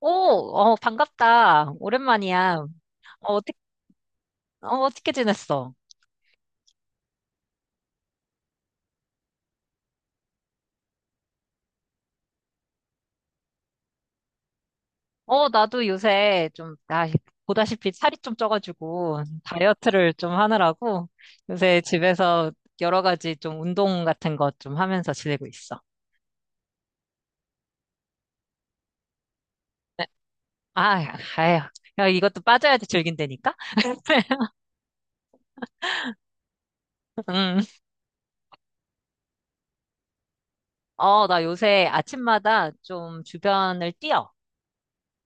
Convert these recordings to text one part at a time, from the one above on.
오, 반갑다. 오랜만이야. 어, 어떻게, 어떻게 지냈어? 나도 요새 좀, 보다시피 살이 좀 쪄가지고 다이어트를 좀 하느라고 요새 집에서 여러 가지 좀 운동 같은 것 좀 하면서 지내고 있어. 네. 아, 아휴. 야, 이것도 빠져야지 즐긴다니까? 음. 나 요새 아침마다 좀 주변을 뛰어.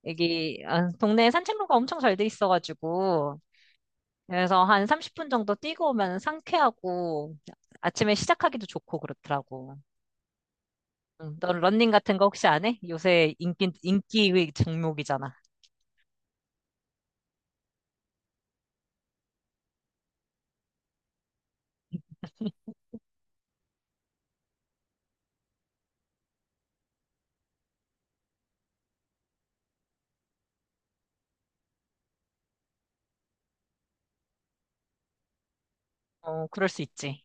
여기 동네에 산책로가 엄청 잘 돼 있어가지고 그래서 한 30분 정도 뛰고 오면 상쾌하고 아침에 시작하기도 좋고 그렇더라고. 응, 너 러닝 같은 거 혹시 안 해? 요새 인기 종목이잖아. 어, 그럴 수 있지.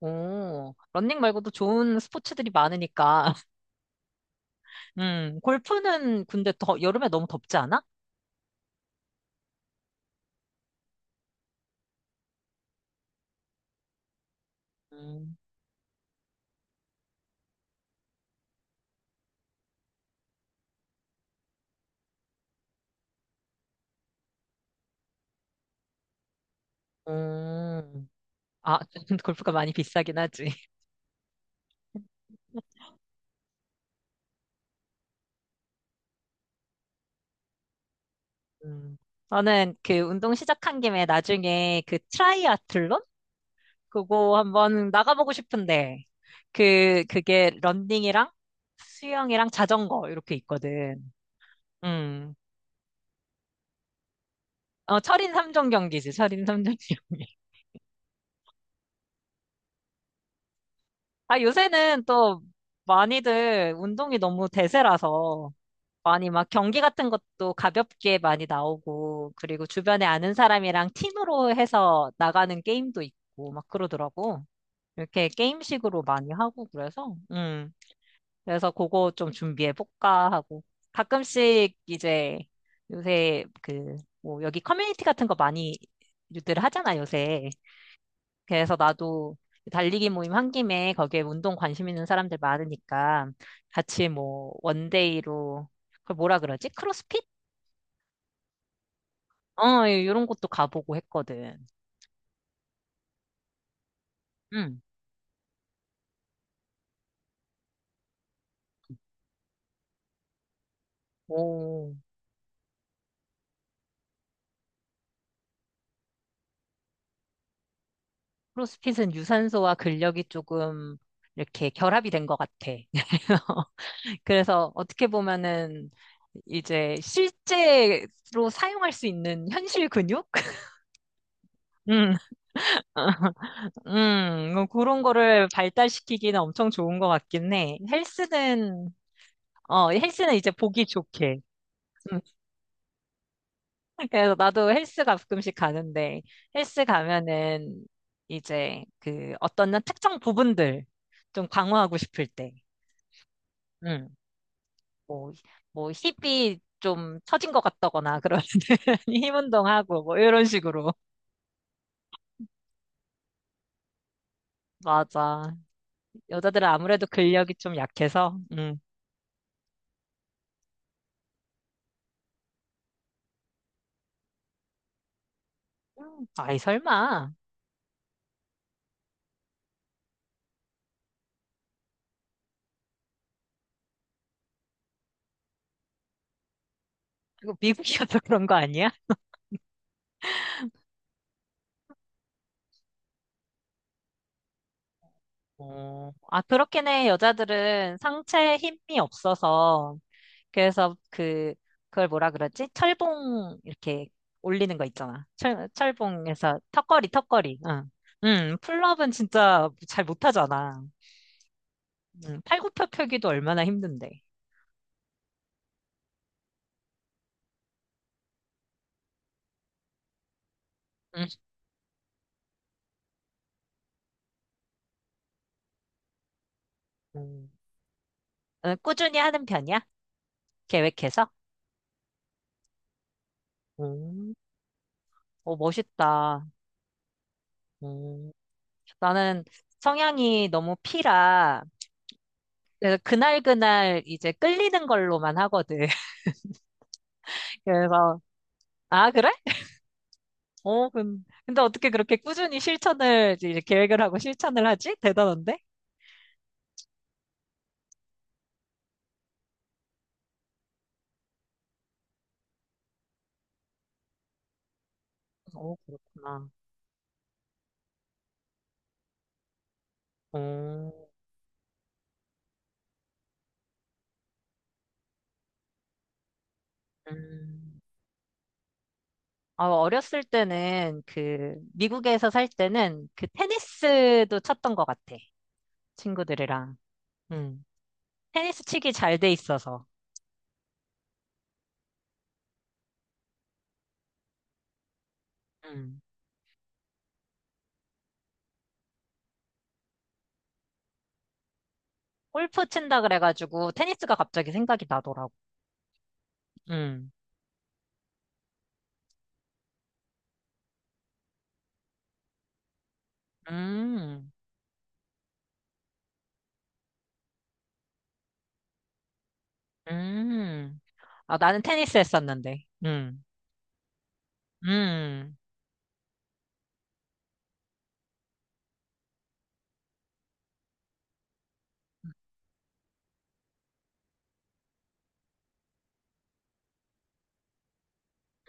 오, 러닝 말고도 좋은 스포츠들이 많으니까. 골프는 근데 더, 여름에 너무 덥지 않아? 음, 음. 아, 골프가 많이 비싸긴 하지. 음. 저는 그 운동 시작한 김에 나중에 그 트라이아틀론? 그거 한번 나가보고 싶은데, 그게 런닝이랑 수영이랑 자전거 이렇게 있거든. 음. 어, 철인 삼종 경기지, 철인 삼종 경기. 요새는 또 많이들 운동이 너무 대세라서 많이 막 경기 같은 것도 가볍게 많이 나오고, 그리고 주변에 아는 사람이랑 팀으로 해서 나가는 게임도 있고, 막 그러더라고. 이렇게 게임식으로 많이 하고 그래서, 그래서 그거 좀 준비해 볼까 하고 가끔씩 이제 요새 그 뭐 여기 커뮤니티 같은 거 많이 유들 하잖아 요새. 그래서 나도 달리기 모임 한 김에 거기에 운동 관심 있는 사람들 많으니까 같이 뭐 원데이로 그걸 뭐라 그러지? 크로스핏? 어, 이런 것도 가보고 했거든. 응. 오, 크로스핏은 유산소와 근력이 조금 이렇게 결합이 된 것 같아. 그래서 어떻게 보면은 이제 실제로 사용할 수 있는 현실 근육? 음, 뭐 그런 거를 발달시키기는 엄청 좋은 것 같긴 해. 헬스는, 어, 헬스는 이제 보기 좋게. 음, 그래서 나도 헬스 가끔씩 가는데, 헬스 가면은 이제 그 어떤 특정 부분들 좀 강화하고 싶을 때. 음. 뭐, 뭐 힙이 좀 처진 것 같다거나 그러면 힘 운동하고 뭐 이런 식으로. 맞아. 여자들은 아무래도 근력이 좀 약해서. 음. 아이 설마. 이거 미국이어서 그런 거 아니야? 어, 아 그렇긴 해. 여자들은 상체에 힘이 없어서 그래서 그 그걸 뭐라 그러지? 철봉 이렇게 올리는 거 있잖아. 철 철봉에서 턱걸이. 응. 풀업은 진짜 잘 못하잖아. 팔굽혀 펴기도 얼마나 힘든데. 음. 음. 어, 꾸준히 하는 편이야? 계획해서? 음. 오, 멋있다. 음. 나는 성향이 너무 피라. 그래서 그날그날 이제 끌리는 걸로만 하거든. 그래서, 아, 그래? 근데 어떻게 그렇게 꾸준히 실천을, 이제 계획을 하고 실천을 하지? 대단한데? 어, 그렇구나. 어, 음. 어, 어렸을 때는 그 미국에서 살 때는 그 테니스도 쳤던 것 같아. 친구들이랑. 음. 테니스 치기 잘돼 있어서. 음. 골프 친다 그래가지고 테니스가 갑자기 생각이 나더라고. 음. 음. 음. 아, 나는 테니스 했었는데. 음. 음.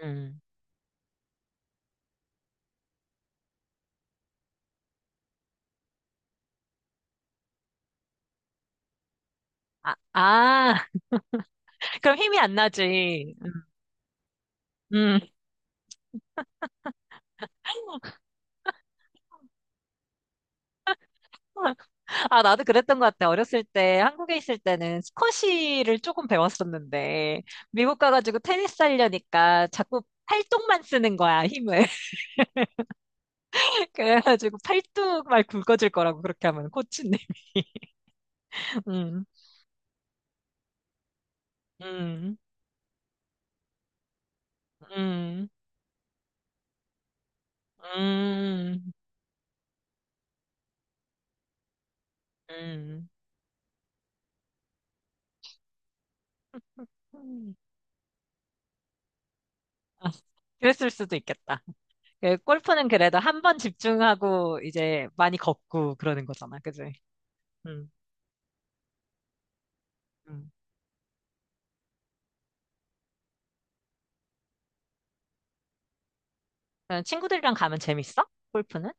음. 아, 아. 그럼 힘이 안 나지. 음. 아, 나도 그랬던 것 같아. 어렸을 때, 한국에 있을 때는 스쿼시를 조금 배웠었는데, 미국 가가지고 테니스 하려니까 자꾸 팔뚝만 쓰는 거야, 힘을. 그래가지고 팔뚝 말 굵어질 거라고 그렇게 하면, 코치님이. 음, 음, 음, 음, 음. 아, 그랬을 수도 있겠다. 그 골프는 그래도 한 번 집중하고 이제 많이 걷고 그러는 거잖아, 그지? 음, 음. 친구들이랑 가면 재밌어? 골프는?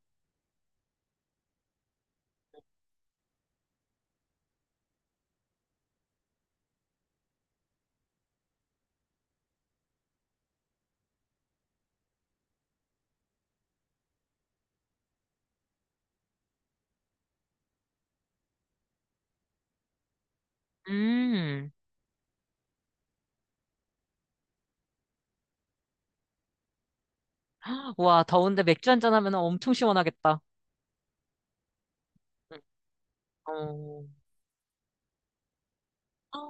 음. 와, 더운데 맥주 한 잔 하면 엄청 시원하겠다. 응. 어, 어,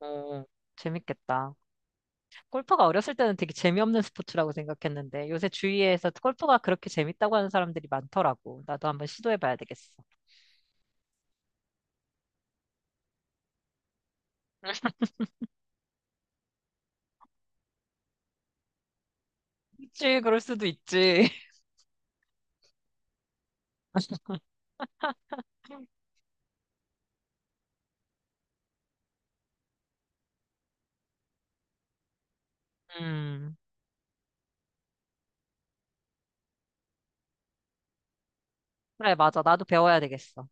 어, 재밌겠다. 골프가 어렸을 때는 되게 재미없는 스포츠라고 생각했는데 요새 주위에서 골프가 그렇게 재밌다고 하는 사람들이 많더라고. 나도 한번 시도해봐야 되겠어. 그치, 그럴 수도 있지. 음, 그래, 맞아. 나도 배워야 되겠어.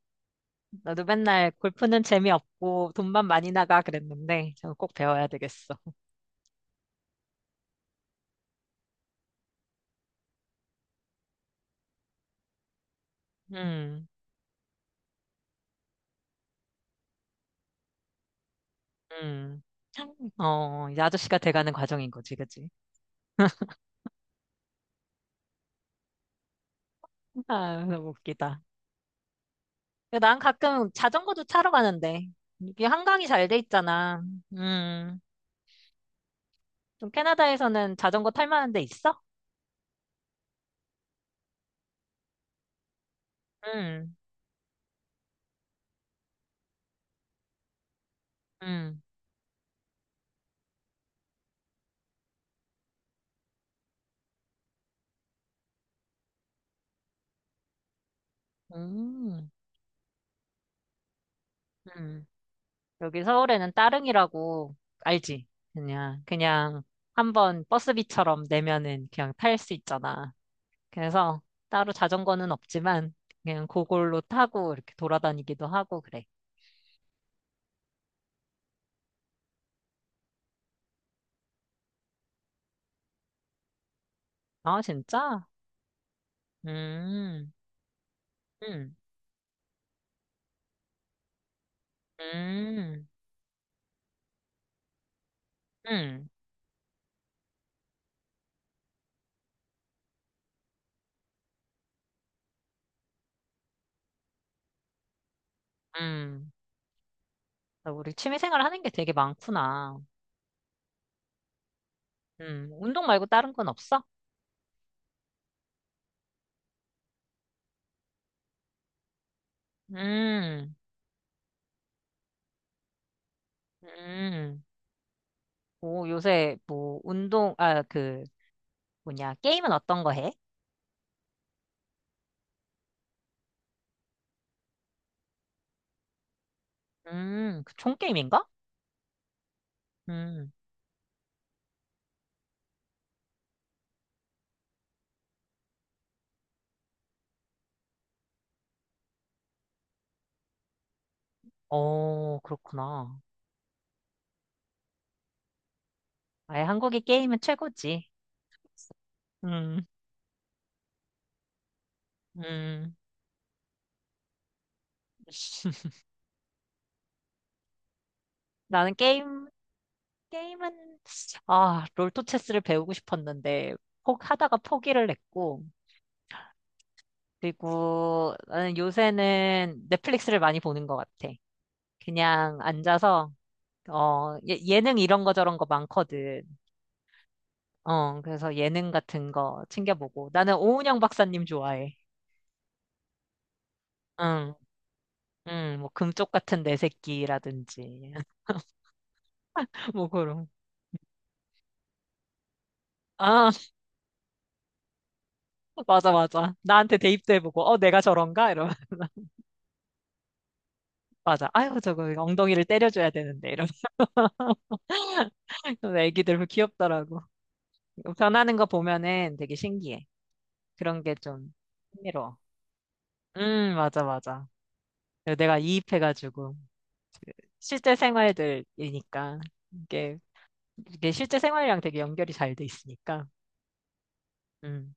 나도 맨날 골프는 재미없고 돈만 많이 나가 그랬는데 저는 꼭 배워야 되겠어. 음, 음. 어, 이제 아저씨가 돼가는 과정인 거지, 그치? 아, 너무 웃기다. 난 가끔 자전거도 타러 가는데, 이게 한강이 잘 돼 있잖아. 음, 좀 캐나다에서는 자전거 탈 만한 데 있어? 음, 음, 음, 음. 여기 서울에는 따릉이라고 알지? 그냥 한번 버스비처럼 내면은 그냥 탈 수 있잖아. 그래서 따로 자전거는 없지만, 그냥 그걸로 타고 이렇게 돌아다니기도 하고 그래. 아, 진짜? 음, 음, 음, 음. 음, 나 우리 취미생활 하는 게 되게 많구나. 운동 말고 다른 건 없어? 음, 음. 오, 요새 뭐 운동, 아, 그 뭐냐, 게임은 어떤 거 해? 그 총게임인가? 음, 어, 그렇구나. 아예 한국이 게임은 최고지. 음, 음. 나는 게임, 게임은, 아, 롤토체스를 배우고 싶었는데, 포, 하다가 포기를 했고, 그리고 나는 요새는 넷플릭스를 많이 보는 것 같아. 그냥 앉아서, 어, 예능 이런 거 저런 거 많거든. 어, 그래서 예능 같은 거 챙겨보고. 나는 오은영 박사님 좋아해. 응, 응, 뭐, 금쪽 같은 내 새끼라든지. 뭐, 그런. 아, 맞아, 맞아. 나한테 대입도 해보고, 어, 내가 저런가? 이러면. 맞아. 아유, 저거 엉덩이를 때려줘야 되는데. 이러면. 그래서 애기들 귀엽더라고. 변하는 거 보면은 되게 신기해. 그런 게 좀 흥미로워. 맞아, 맞아. 내가 이입해가지고, 실제 생활들이니까, 이게, 이게 실제 생활이랑 되게 연결이 잘 돼 있으니까, 음,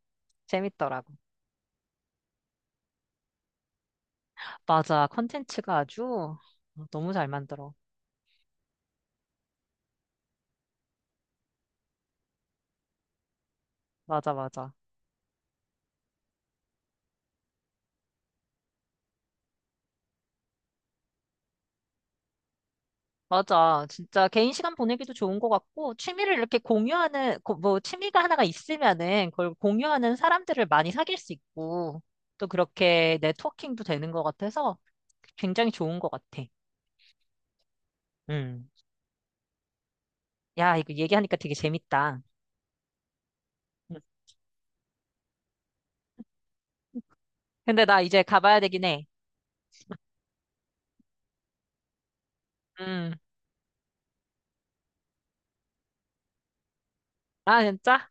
재밌더라고. 맞아, 컨텐츠가 아주 어, 너무 잘 만들어. 맞아, 맞아. 맞아. 진짜 개인 시간 보내기도 좋은 것 같고, 취미를 이렇게 공유하는, 고- 뭐, 취미가 하나가 있으면은, 그걸 공유하는 사람들을 많이 사귈 수 있고, 또 그렇게 네트워킹도 되는 것 같아서 굉장히 좋은 것 같아. 음. 야, 이거 얘기하니까 되게 재밌다. 음. 근데 나 이제 가봐야 되긴 해. 음. 아, 진짜?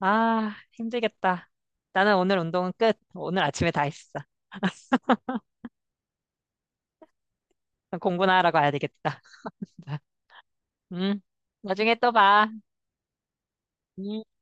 아, 힘들겠다. 나는 오늘 운동은 끝. 오늘 아침에 다 했어. 공부나 하러 가야 되겠다. 음. 나중에 또 봐. 음.